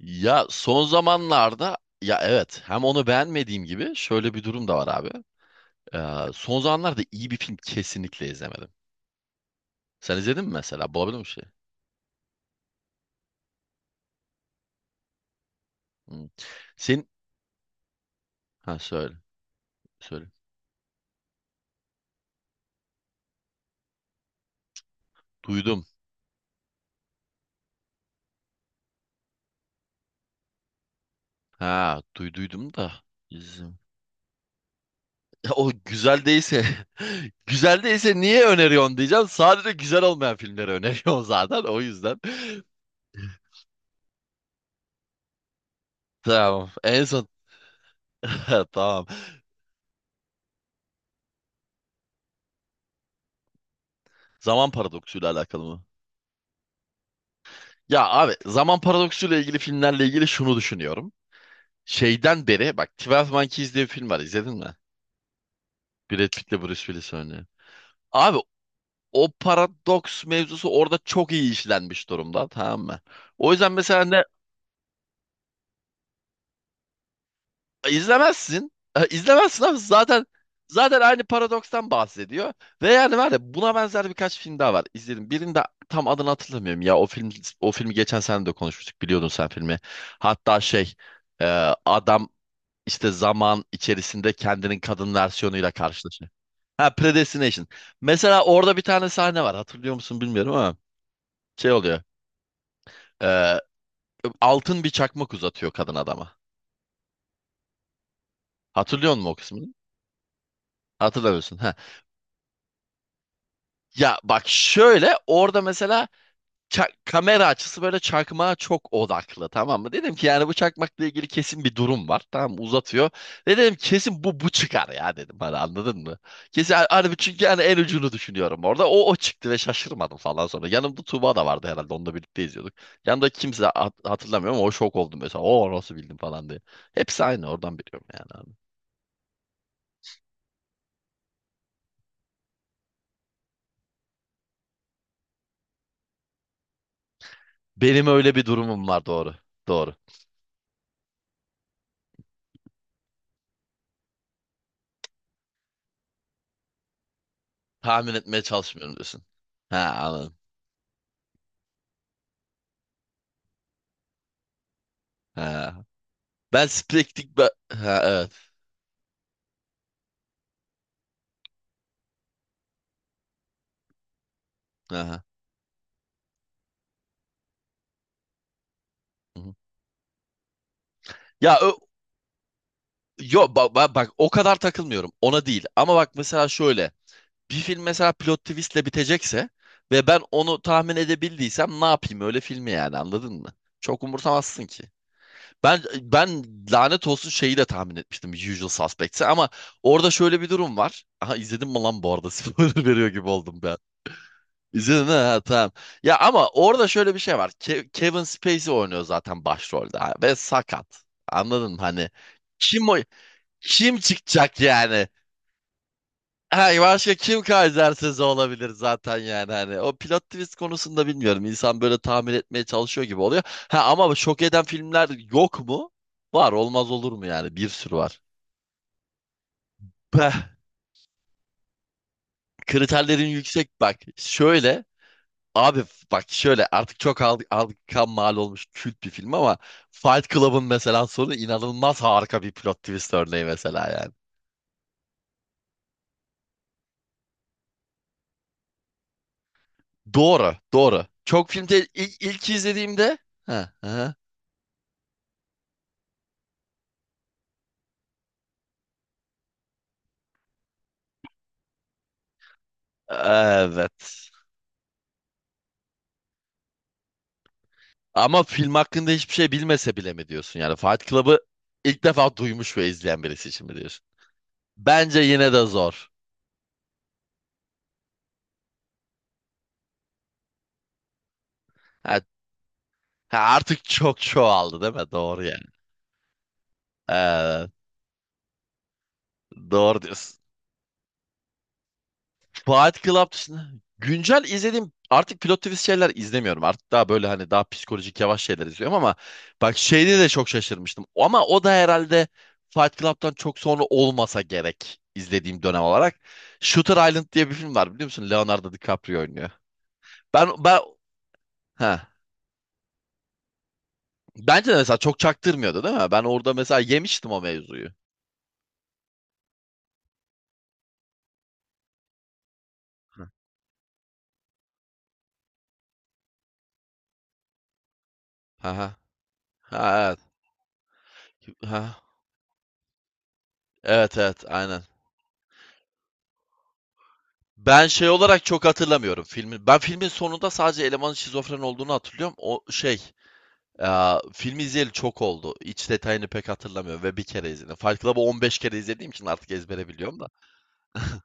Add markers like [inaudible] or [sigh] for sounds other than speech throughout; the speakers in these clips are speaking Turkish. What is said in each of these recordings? Ya, son zamanlarda ya evet hem onu beğenmediğim gibi şöyle bir durum da var abi. Son zamanlarda iyi bir film kesinlikle izlemedim. Sen izledin mi mesela? Bulabildin mi bir şey? Hmm. Sen ha, söyle. Duydum. Ha duyduydum da izledim. Ya o güzel değilse [laughs] güzel değilse niye öneriyorsun diyeceğim. Sadece güzel olmayan filmleri öneriyorum [laughs] zaten o yüzden. [laughs] Tamam. En son [laughs] tamam. Zaman paradoksuyla alakalı mı? Ya abi, zaman paradoksuyla ilgili filmlerle ilgili şunu düşünüyorum. Şeyden beri bak, 12 Monkeys diye bir film var, izledin mi? Brad Pitt'le Bruce Willis oynuyor. Abi, o paradoks mevzusu orada çok iyi işlenmiş durumda, tamam mı? O yüzden mesela ne izlemezsin. İzlemezsin abi zaten, aynı paradokstan bahsediyor. Ve yani var ya, buna benzer birkaç film daha var. İzledim. Birinde tam adını hatırlamıyorum, ya o film, o filmi geçen sene de konuşmuştuk, biliyordun sen filmi. Hatta şey, e, adam, İşte zaman içerisinde kendinin kadın versiyonuyla karşılaşıyor. Ha, Predestination. Mesela orada bir tane sahne var. Hatırlıyor musun bilmiyorum ama şey oluyor. Ee, Altın bir çakmak uzatıyor kadın adama. Hatırlıyor musun o kısmını? Hatırlamıyorsun. Ha. Ya bak şöyle, orada mesela kamera açısı böyle çakmağa çok odaklı, tamam mı? Dedim ki yani bu çakmakla ilgili kesin bir durum var. Tamam mı? Uzatıyor. Ve dedim kesin bu çıkar ya, dedim, hani anladın mı? Kesin harbi, çünkü yani en ucunu düşünüyorum orada. O çıktı ve şaşırmadım falan sonra. Yanımda Tuğba da vardı herhalde, onunla birlikte izliyorduk. Yanımda kimse hatırlamıyorum ama o şok oldum mesela. O nasıl bildim falan diye. Hepsi aynı, oradan biliyorum yani abi. Benim öyle bir durumum var, doğru. Doğru. Tahmin etmeye çalışmıyorum diyorsun. Ha, anladım. Ha. Ben spektik... Ha, evet. Aha. Hı hı. Ya ö- Bak o kadar takılmıyorum ona değil, ama bak mesela şöyle, bir film mesela plot twistle bitecekse ve ben onu tahmin edebildiysem, ne yapayım öyle filmi yani, anladın mı? Çok umursamazsın ki. Ben lanet olsun, şeyi de tahmin etmiştim, Usual Suspects'i, ama orada şöyle bir durum var. Aha, izledim mi lan bu arada? [laughs] Spoiler veriyor gibi oldum bir. İzledin mi? Ha, tamam. Ya ama orada şöyle bir şey var. Kevin Spacey oynuyor zaten başrolde ha, ve sakat. Anladın mı? Hani kim o, kim çıkacak yani? Ha, başka kim Kaiser'siz olabilir zaten yani hani. O plot twist konusunda bilmiyorum. İnsan böyle tahmin etmeye çalışıyor gibi oluyor. Ha, ama şok eden filmler yok mu? Var, olmaz olur mu yani? Bir sürü var. Peh, kriterlerin yüksek, bak. Şöyle, abi, bak şöyle, artık çok aldık, kan mal olmuş kült bir film ama Fight Club'ın mesela sonu inanılmaz harika bir plot twist örneği mesela yani. Doğru, doğru. Çok filmde ilk izlediğimde, ha, ha, evet. Ama film hakkında hiçbir şey bilmese bile mi diyorsun? Yani Fight Club'ı ilk defa duymuş ve izleyen birisi için mi diyorsun? Bence yine de zor. Ha, ha, artık çok çoğaldı değil mi? Doğru yani. Evet, doğru diyorsun. Fight Club dışında güncel izlediğim, artık pilot twist şeyler izlemiyorum. Artık daha böyle, hani daha psikolojik yavaş şeyler izliyorum, ama bak şeyde de çok şaşırmıştım. Ama o da herhalde Fight Club'tan çok sonra olmasa gerek izlediğim dönem olarak. Shooter Island diye bir film var, biliyor musun? Leonardo DiCaprio oynuyor. Ben ha, bence de mesela çok çaktırmıyordu değil mi? Ben orada mesela yemiştim o mevzuyu. Ha ha. Ha, evet. Ha. Evet evet, aynen. Ben şey olarak çok hatırlamıyorum filmin. Ben filmin sonunda sadece elemanın şizofren olduğunu hatırlıyorum. O şey, filmi izleyeli çok oldu. İç detayını pek hatırlamıyorum ve bir kere izledim. Fight Club'ı 15 kere izlediğim için artık ezbere biliyorum da. [laughs]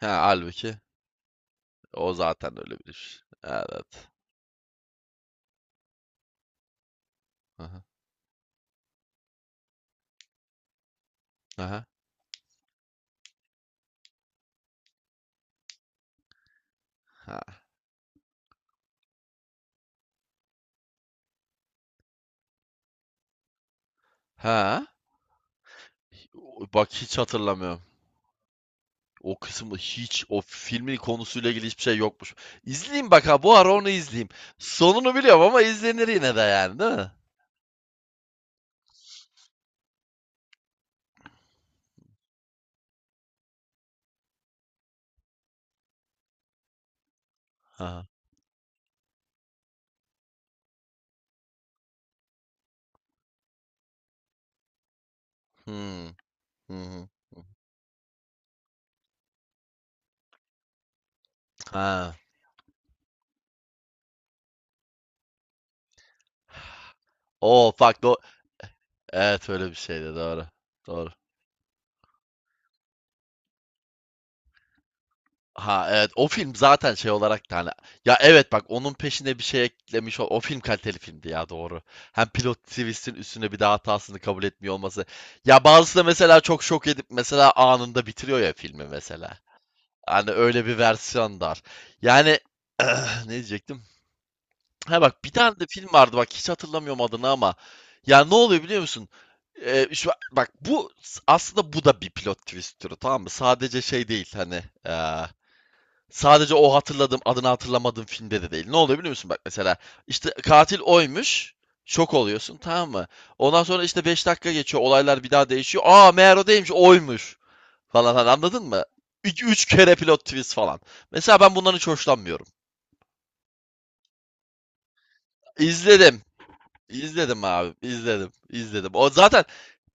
Ha, halbuki o zaten öyle bir iş. Evet. Aha. Aha. Ha. Ha. Bak, hiç hatırlamıyorum. O kısmı hiç, o filmin konusuyla ilgili hiçbir şey yokmuş. İzleyeyim bak, ha bu ara onu izleyeyim. Sonunu biliyorum ama izlenir yine de yani, değil mi? Ha. Hmm. Hı hı. Ha. O bak do, evet öyle bir şeydi, doğru. Doğru. Ha evet, o film zaten şey olarak da hani, ya evet bak, onun peşine bir şey eklemiş, o film kaliteli filmdi ya, doğru. Hem pilot twist'in üstüne bir daha hatasını kabul etmiyor olması. Ya bazısı da mesela çok şok edip mesela anında bitiriyor ya filmi mesela. Hani öyle bir versiyon da var. Yani [clears throat] ne diyecektim? Ha bak, bir tane de film vardı, bak hiç hatırlamıyorum adını ama. Ya ne oluyor biliyor musun? Şu, bak bu, aslında bu da bir plot twist türü, tamam mı? Sadece şey değil hani, sadece o hatırladığım, adını hatırlamadığım filmde de değil. Ne oluyor biliyor musun? Bak mesela, işte katil oymuş. Şok oluyorsun, tamam mı? Ondan sonra işte 5 dakika geçiyor, olaylar bir daha değişiyor. Aa, meğer o değilmiş, oymuş falan, hani anladın mı? 2 üç kere plot twist falan. Mesela ben bundan hiç hoşlanmıyorum. İzledim. İzledim abi, izledim, izledim. O zaten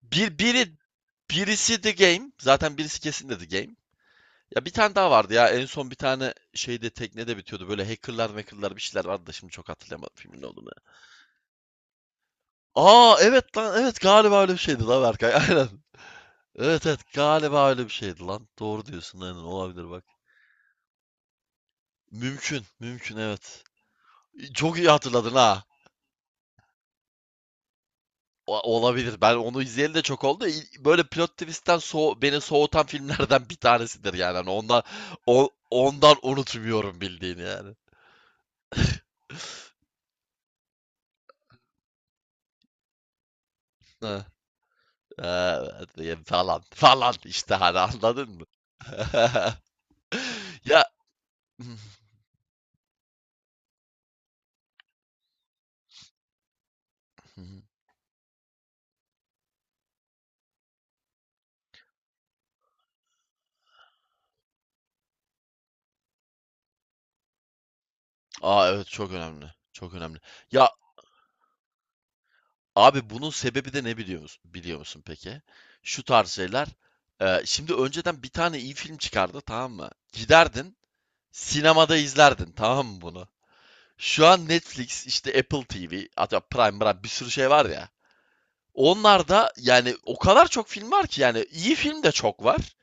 bir birisi The Game, zaten birisi kesin de The Game. Ya bir tane daha vardı ya, en son bir tane şeyde teknede bitiyordu böyle, hackerlar bir şeyler vardı da, şimdi çok hatırlayamadım filmin ne olduğunu. Aa evet lan, evet galiba öyle bir şeydi lan, Berkay. [laughs] Aynen. Evet evet, galiba öyle bir şeydi lan. Doğru diyorsun, aynen, olabilir bak. Mümkün, mümkün, evet. Çok iyi hatırladın ha. O- olabilir. Ben onu izleyeli de çok oldu. İ- böyle plot twist'ten so beni soğutan filmlerden bir tanesidir yani. Hani ondan, ondan unutmuyorum bildiğini yani. Heh, evet yani falan falan işte, hani anladın mı? [laughs] Ya [laughs] Aa evet, çok önemli. Çok önemli. Ya abi, bunun sebebi de ne biliyor musun, biliyor musun peki? Şu tarz şeyler. Şimdi önceden bir tane iyi film çıkardı, tamam mı? Giderdin sinemada izlerdin, tamam mı bunu? Şu an Netflix, işte Apple TV, hatta Prime, bir sürü şey var ya. Onlarda yani o kadar çok film var ki, yani iyi film de çok var.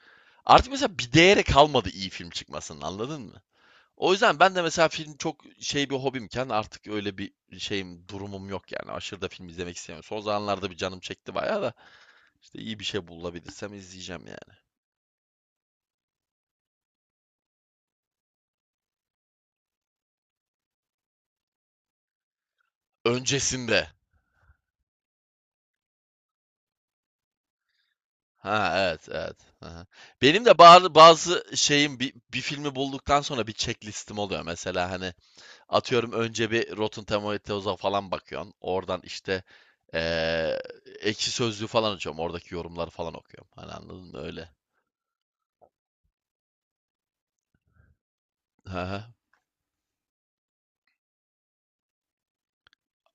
Artık mesela bir değeri kalmadı iyi film çıkmasının, anladın mı? O yüzden ben de mesela film çok şey, bir hobimken artık öyle bir şeyim, durumum yok yani. Aşırı da film izlemek istemiyorum. Son zamanlarda bir canım çekti bayağı da, işte iyi bir şey bulabilirsem izleyeceğim yani. Öncesinde. Ha evet evet. Aha. Benim de bazı şeyim, bir filmi bulduktan sonra bir checklistim oluyor. Mesela hani atıyorum, önce bir Rotten Tomatoes'a falan bakıyorsun. Oradan işte eee, Ekşi Sözlüğü falan açıyorum. Oradaki yorumları falan okuyorum. Hani anladın mı? Öyle. Hı hı.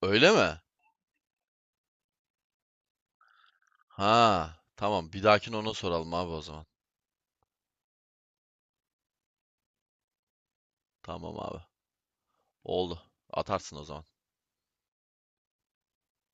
Öyle mi? Ha, tamam. Bir dahakine ona soralım abi o zaman. Tamam abi. Oldu. Atarsın o zaman.